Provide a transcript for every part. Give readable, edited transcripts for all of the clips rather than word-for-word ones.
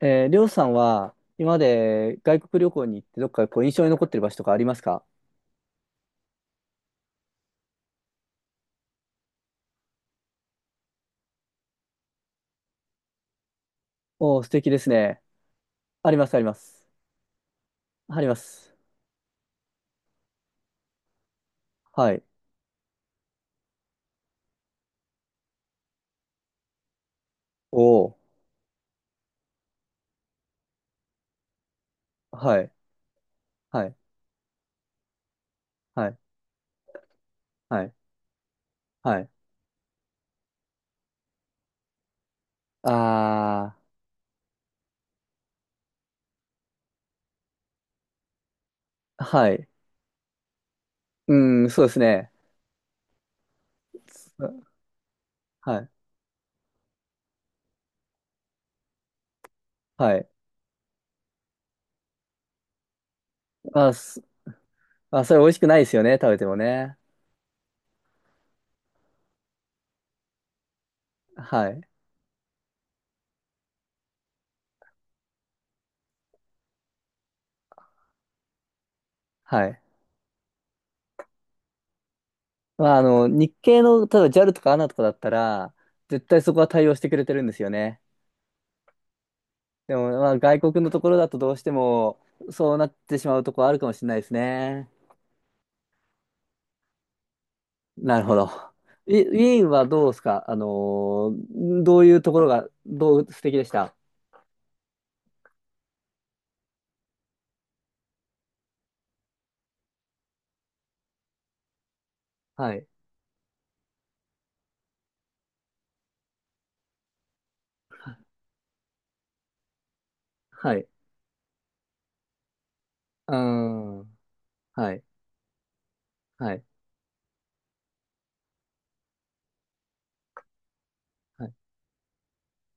りょうさんは今まで外国旅行に行ってどっか印象に残ってる場所とかありますか？おー、素敵ですね。あります、あります。あります。はい。おー、はい、はい、はい、はい、はい。あー、はい。うーん、そうですね。すはい、はい。まあ、すあ、それ美味しくないですよね、食べてもね。はい、はい。まあ、日系の、例えば JAL とか ANA とかだったら、絶対そこは対応してくれてるんですよね。でも、まあ、外国のところだとどうしても、そうなってしまうところあるかもしれないですね。なるほど。ウィーンはどうですか？どういうところが、どう素敵でした？はい。はい。うーん。はい。はい。はい。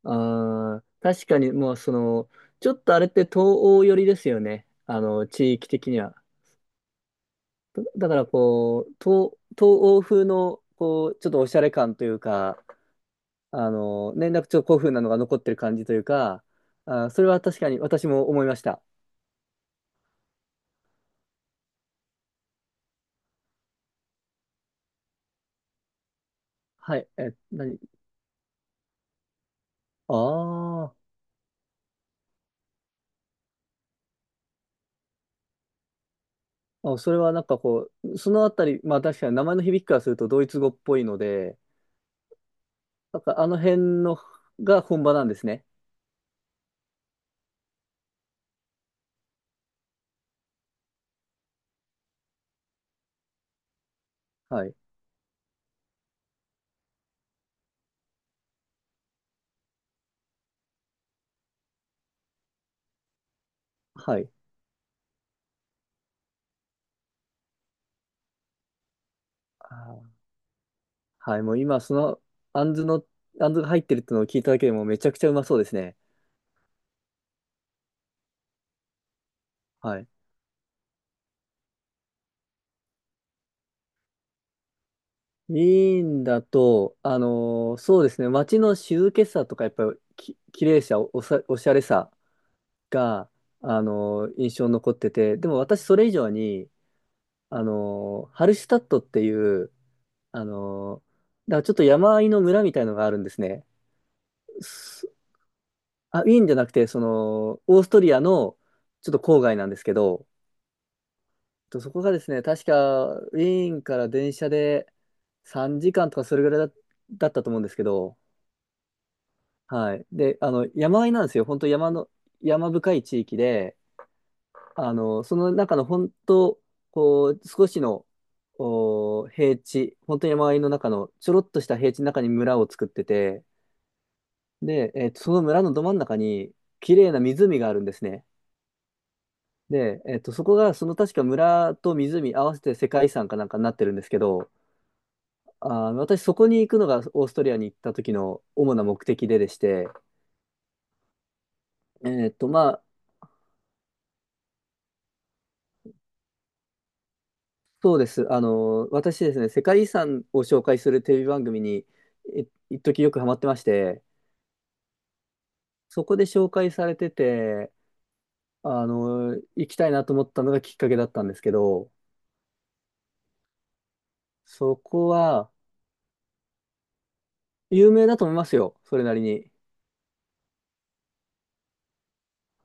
あー、確かにもうその、ちょっとあれって東欧寄りですよね。地域的には。だからこう、東欧風の、こう、ちょっとおしゃれ感というか、連絡帳古風なのが残ってる感じというか、あ、それは確かに私も思いました。はい。え、何？あー？あ、それはなんかこう、そのあたり、まあ確かに名前の響きからするとドイツ語っぽいので、なんかあの辺のが本場なんですね。はい。はい。あー、はい。もう今その、あんずの、あんずが入ってるってのを聞いただけでもめちゃくちゃうまそうですね。はい。ウィーンだと、そうですね、街の静けさとか、やっぱり綺麗さ、おしゃれさが、印象に残ってて、でも私それ以上に、ハルシュタットっていう、あの、だからちょっと山あいの村みたいのがあるんですね。すあ、ウィーンじゃなくて、その、オーストリアのちょっと郊外なんですけど、とそこがですね、確かウィーンから電車で3時間とかそれぐらいだったと思うんですけど、はい。で、山あいなんですよ。本当山の、山深い地域で、その中の本当、こう、少しの、平地、本当に山あいの中の、ちょろっとした平地の中に村を作ってて、で、その村のど真ん中に、綺麗な湖があるんですね。で、そこが、その確か村と湖合わせて世界遺産かなんかになってるんですけど、あー、私そこに行くのがオーストリアに行った時の主な目的ででして、えっと、まあ、そうです。あの、私ですね、世界遺産を紹介するテレビ番組に、い一時よくハマってまして、そこで紹介されてて、行きたいなと思ったのがきっかけだったんですけど、そこは有名だと思いますよ、それなりに。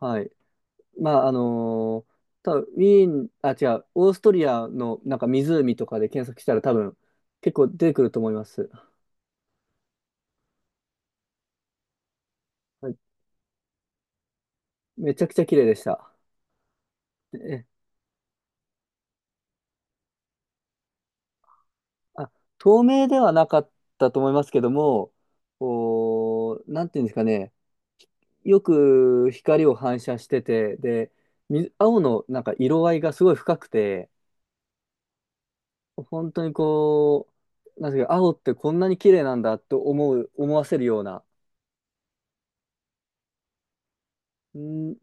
はい。まあ、多分ウィーン、あ、違う、オーストリアのなんか湖とかで検索したら多分結構出てくると思います。はい、めちゃくちゃ綺麗でした。えあ、透明ではなかったと思いますけども、おー、なんていうんですかね、よく光を反射してて、で、青のなんか色合いがすごい深くて、本当にこう、なんていうか、青ってこんなに綺麗なんだと思わせるような、い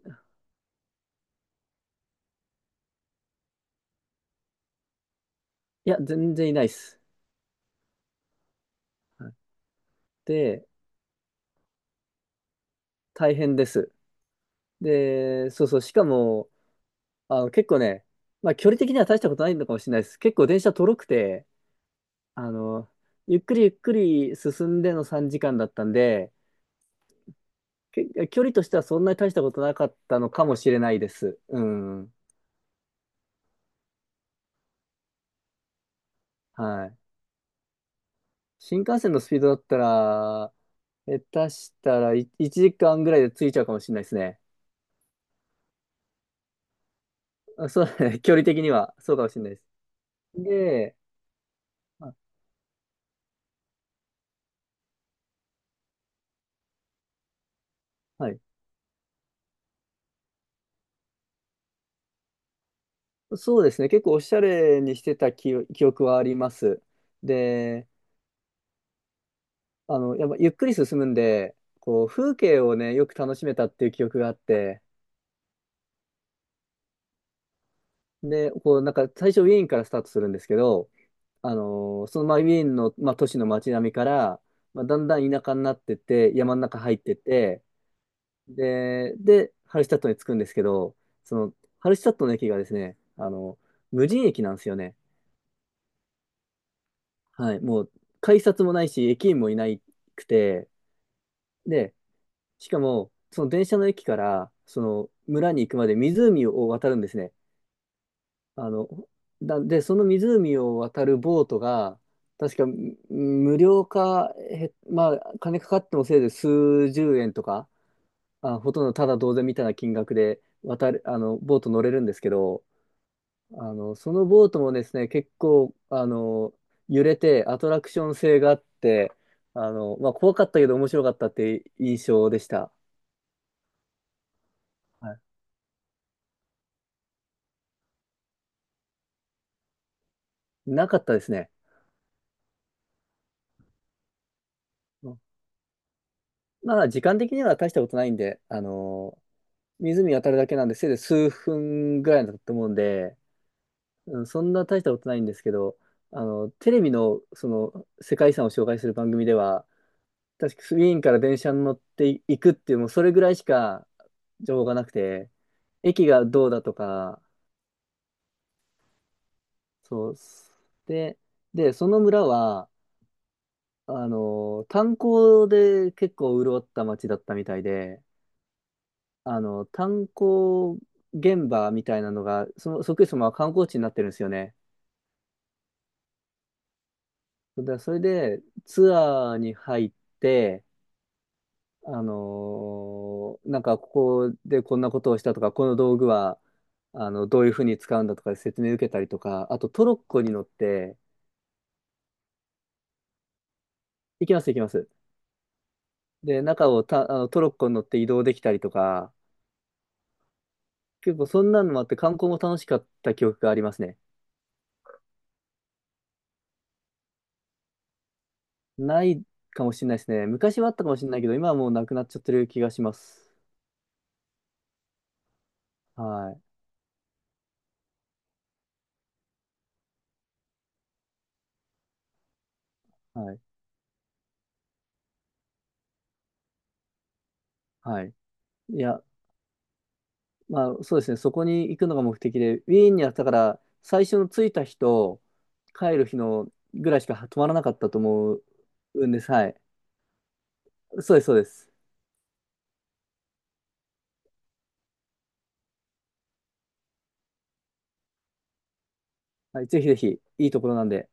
や、全然いないです。はい。で、大変です。で、そうそう、しかも、結構ね、まあ距離的には大したことないのかもしれないです。結構電車とろくて、あの、ゆっくりゆっくり進んでの3時間だったんで、距離としてはそんなに大したことなかったのかもしれないです。うん。はい。新幹線のスピードだったら、下手したら1時間ぐらいで着いちゃうかもしれないですね。あそうだね。距離的にはそうかもしれないです。で、あ、はい。そうですね。結構おしゃれにしてた記憶はあります。で、やっぱゆっくり進むんで、こう、風景をね、よく楽しめたっていう記憶があって、で、こう、なんか最初ウィーンからスタートするんですけど、そのまあウィーンの、まあ、都市の街並みから、まあ、だんだん田舎になってって、山の中入ってって、で、で、ハルシュタットに着くんですけど、その、ハルシュタットの駅がですね、無人駅なんですよね。はい、もう、改札もないし、駅員もいなくて、で、しかも、その電車の駅から、その村に行くまで湖を渡るんですね。あの、で、その湖を渡るボートが、確か無料か、へ、まあ、金かかってもせいで数十円とか、あ、ほとんどただ同然みたいな金額で渡る、あの、ボート乗れるんですけど、あの、そのボートもですね、結構、揺れてアトラクション性があって、まあ、怖かったけど面白かったって印象でした。はい、なかったですね。うん、まあ、時間的には大したことないんで、あの湖渡るだけなんで、せいぜい数分ぐらいだと思うんで、うん、そんな大したことないんですけど、テレビの、その、世界遺産を紹介する番組では、確かウィーンから電車に乗っていくっていう、もうそれぐらいしか情報がなくて、駅がどうだとか、そう、で、で、その村は、炭鉱で結構潤った町だったみたいで、炭鉱現場みたいなのが、その、そっくりそのまま観光地になってるんですよね。それでツアーに入って、なんかここでこんなことをしたとか、この道具はあのどういうふうに使うんだとか説明受けたりとか、あとトロッコに乗って行きます行きます。で、中をた、あのトロッコに乗って移動できたりとか、結構そんなのもあって観光も楽しかった記憶がありますね。ないかもしれないですね。昔はあったかもしれないけど、今はもうなくなっちゃってる気がします。はい。はい。はい。いや、まあそうですね、そこに行くのが目的で、ウィーンにあったから、最初の着いた日と帰る日のぐらいしか泊まらなかったと思うんです。はい。そうです、そうです。はい、ぜひぜひ、いいところなんで。